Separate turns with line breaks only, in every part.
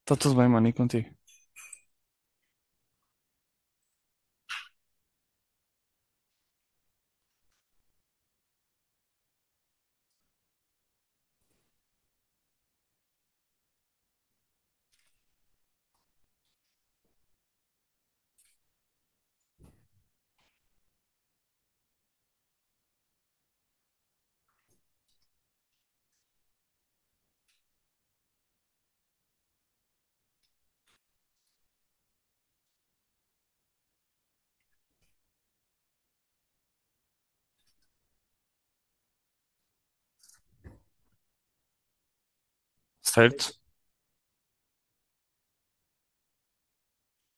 Está tudo bem, mano, e contigo? Certo?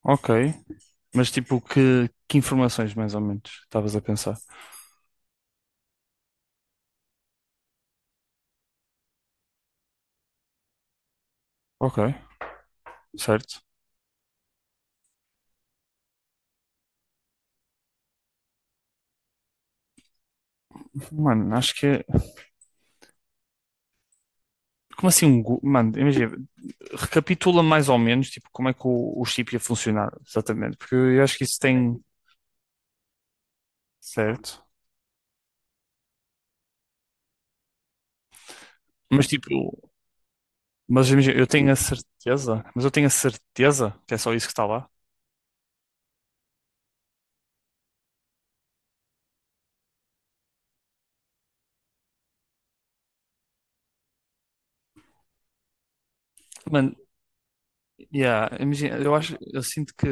Ok. Mas tipo, que informações mais ou menos estavas a pensar? Ok, certo. Mano, acho que é. Como assim um. Mano, imagina, recapitula mais ou menos tipo, como é que o chip ia funcionar, exatamente. Porque eu acho que isso tem. Certo. Mas tipo. Mas imagina, eu tenho a certeza. Mas eu tenho a certeza que é só isso que está lá. Mano, yeah, imagina, eu acho. Eu sinto que.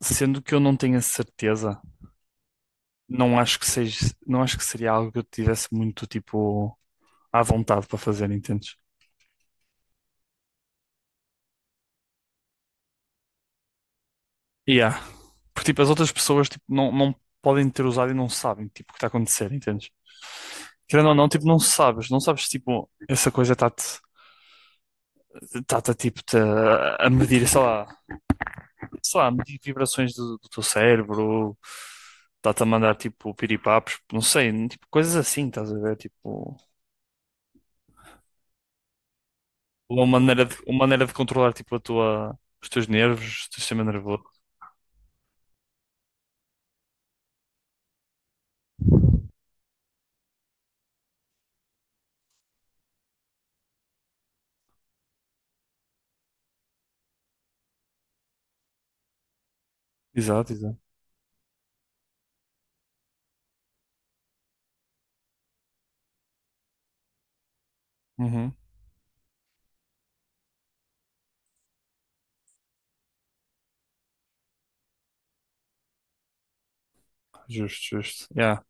Sendo que eu não tenho a certeza. Não acho que seja, não acho que seria algo que eu tivesse muito, tipo, à vontade para fazer, entendes? Yeah. Porque, tipo, as outras pessoas, tipo, não podem ter usado e não sabem, tipo, o que está a acontecer, entendes? Querendo ou não, tipo, não sabes, não sabes, tipo, essa coisa está-te a, tipo, te a medir, sei lá, a medir vibrações do teu cérebro, está-te a mandar, tipo, piripapos, não sei, tipo, coisas assim, estás a ver, tipo, uma maneira de controlar, tipo, a tua, os teus nervos, o teu sistema nervoso. Exato, exato. Uhum. Justo, justo. Yeah.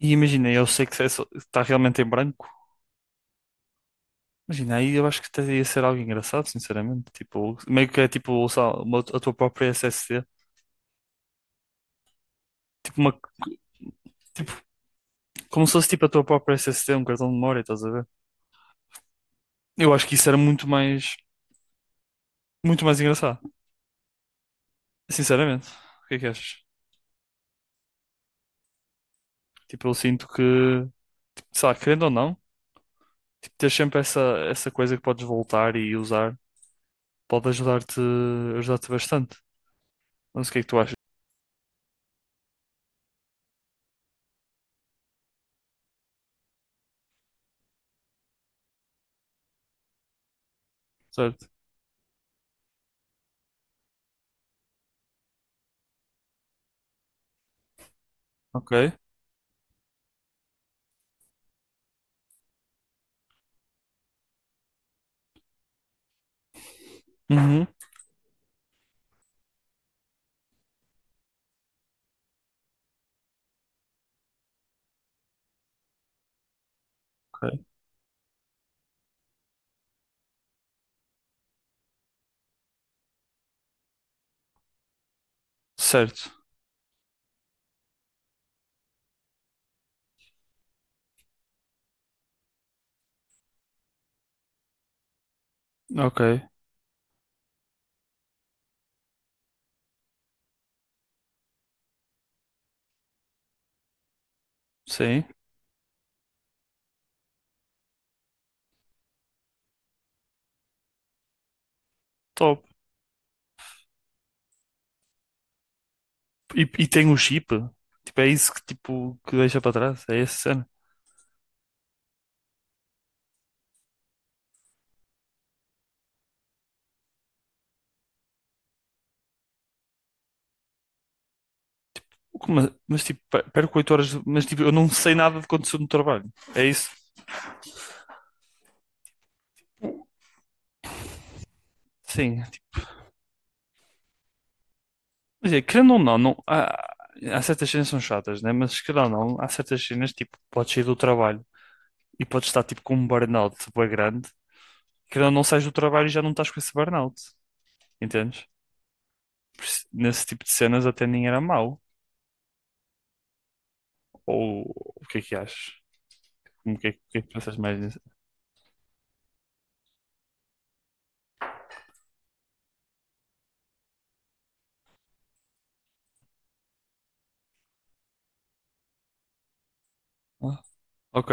E imagina, eu sei que está realmente em branco. Imagina, aí eu acho que até ia ser algo engraçado, sinceramente. Tipo, meio que é tipo só a tua própria SSD. Tipo, uma, tipo, como se fosse tipo a tua própria SSD um cartão de memória, estás a ver? Eu acho que isso era muito mais engraçado, sinceramente. O que é que achas? Tipo, eu sinto que, sei lá, querendo ou não, tipo, ter sempre essa, essa coisa que podes voltar e usar pode ajudar-te, ajudar-te bastante. Não sei o que é que tu achas, certo? Ok. Uhum. Ok. Certo. Ok. Sim. Top. E tem um chip? Tipo, é isso que, tipo, que deixa para trás? É essa cena? Como- Mas, tipo, per- perco 8 horas. De- Mas, tipo, eu não sei nada de que aconteceu no trabalho. É isso? Sim. Tipo, quer dizer, querendo ou não, não há, há certas cenas que são chatas, né? Mas, querendo ou não, há certas cenas, tipo, podes sair do trabalho e podes estar, tipo, com um burnout bué grande. Querendo ou não, sais do trabalho e já não estás com esse burnout. Entendes? Por isso, nesse tipo de cenas até nem era mau. Ou o que é que achas? Como que é, o que é que pensas mais nisso? Ah, ok,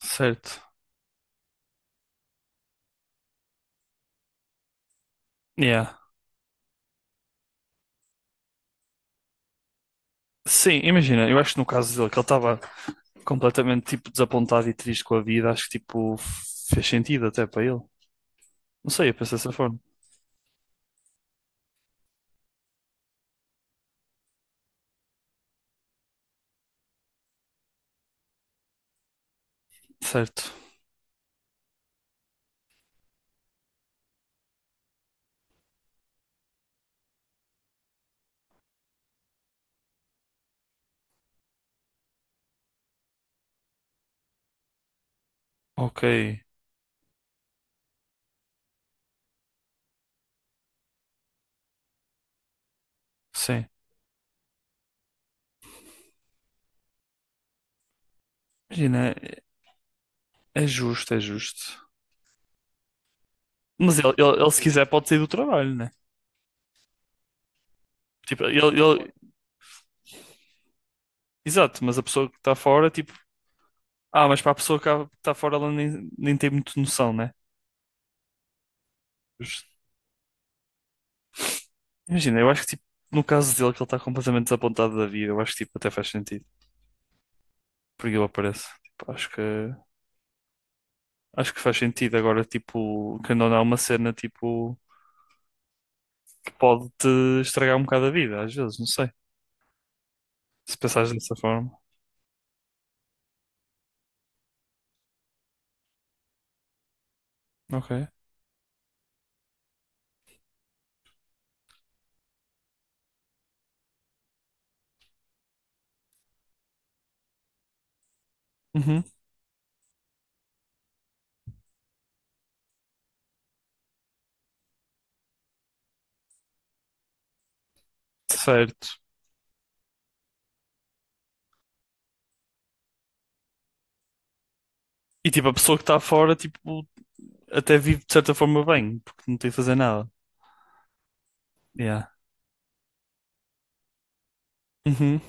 certo. Yeah. Sim, imagina, eu acho que no caso dele, que ele estava completamente tipo desapontado e triste com a vida, acho que tipo fez sentido até para ele. Não sei, eu penso dessa forma. Certo. Ok, sim. Imagina, é justo, é justo. Mas ele, se quiser pode sair do trabalho, né? Tipo, ele... Exato, mas a pessoa que está fora, tipo... Ah, mas para a pessoa que está fora ela nem tem muito noção, né? Imagina, eu acho que tipo, no caso dele que ele está completamente desapontado da vida, eu acho que tipo, até faz sentido. Porque ele aparece. Tipo, acho que faz sentido. Agora, tipo, quando não é uma cena tipo que pode te estragar um bocado a vida, às vezes, não sei. Se pensares dessa forma. Ok. Uhum. Certo. E tipo, a pessoa que está fora, tipo, até vive de certa forma bem, porque não tem que fazer nada. Yeah. Uhum.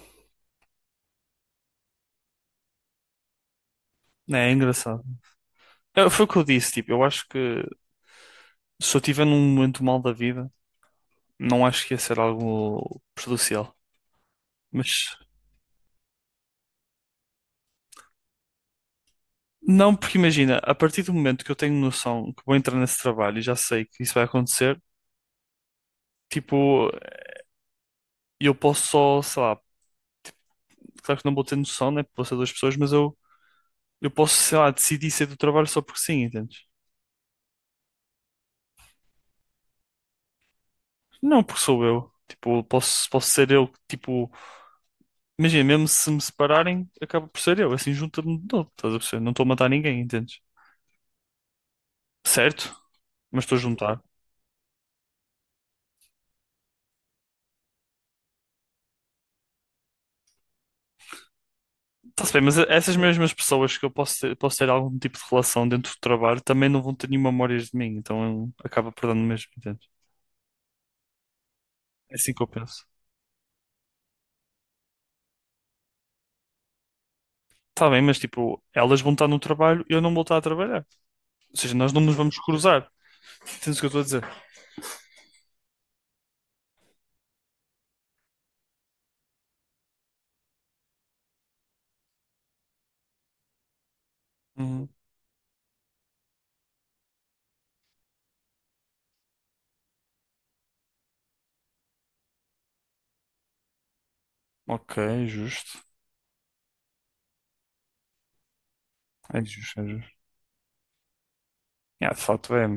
É, é engraçado. É, foi o que eu disse, tipo, eu acho que se eu estiver num momento mal da vida. Não acho que ia ser algo prejudicial. Mas não, porque imagina, a partir do momento que eu tenho noção que vou entrar nesse trabalho e já sei que isso vai acontecer, tipo, eu posso só, sei lá, claro que não vou ter noção, né? Vou ser duas pessoas, mas eu posso, sei lá, decidir sair do trabalho só porque sim, entendes? Não porque sou eu. Tipo, posso ser eu, que, tipo, imagina, mesmo se me separarem, acaba por ser eu, assim, junta-me, de novo, estás a perceber? Não estou a matar ninguém, entendes? Certo, mas estou a juntar. Está-se bem, mas essas mesmas pessoas que eu posso ter algum tipo de relação dentro do trabalho também não vão ter nenhuma memórias de mim, então eu- acaba perdendo mesmo, entende? É assim que eu penso. Está bem, mas tipo, elas vão estar no trabalho e eu não vou estar a trabalhar. Ou seja, nós não nos vamos cruzar. Entendes o que eu estou a dizer? Uhum. Ok, justo. É justo, é justo. Yeah, de facto é.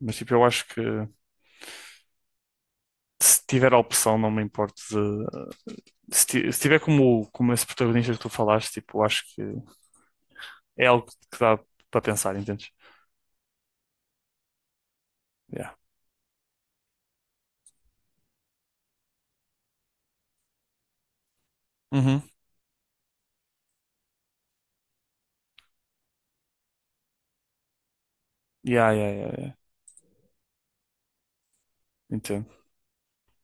Mas tipo, eu acho que se tiver a opção, não me importo de. Se ti- se tiver como, como esse protagonista que tu falaste, tipo, acho que é algo que dá para pensar, entendes? Yeah. Uhum. Yeah, yeah, yeah, yeah. Entendo.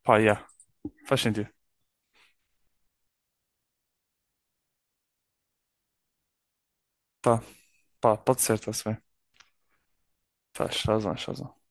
Pá, yeah. Faz sentido. Tá, pá, pode ser, está-se bem. Faz, faz mais, faz mais.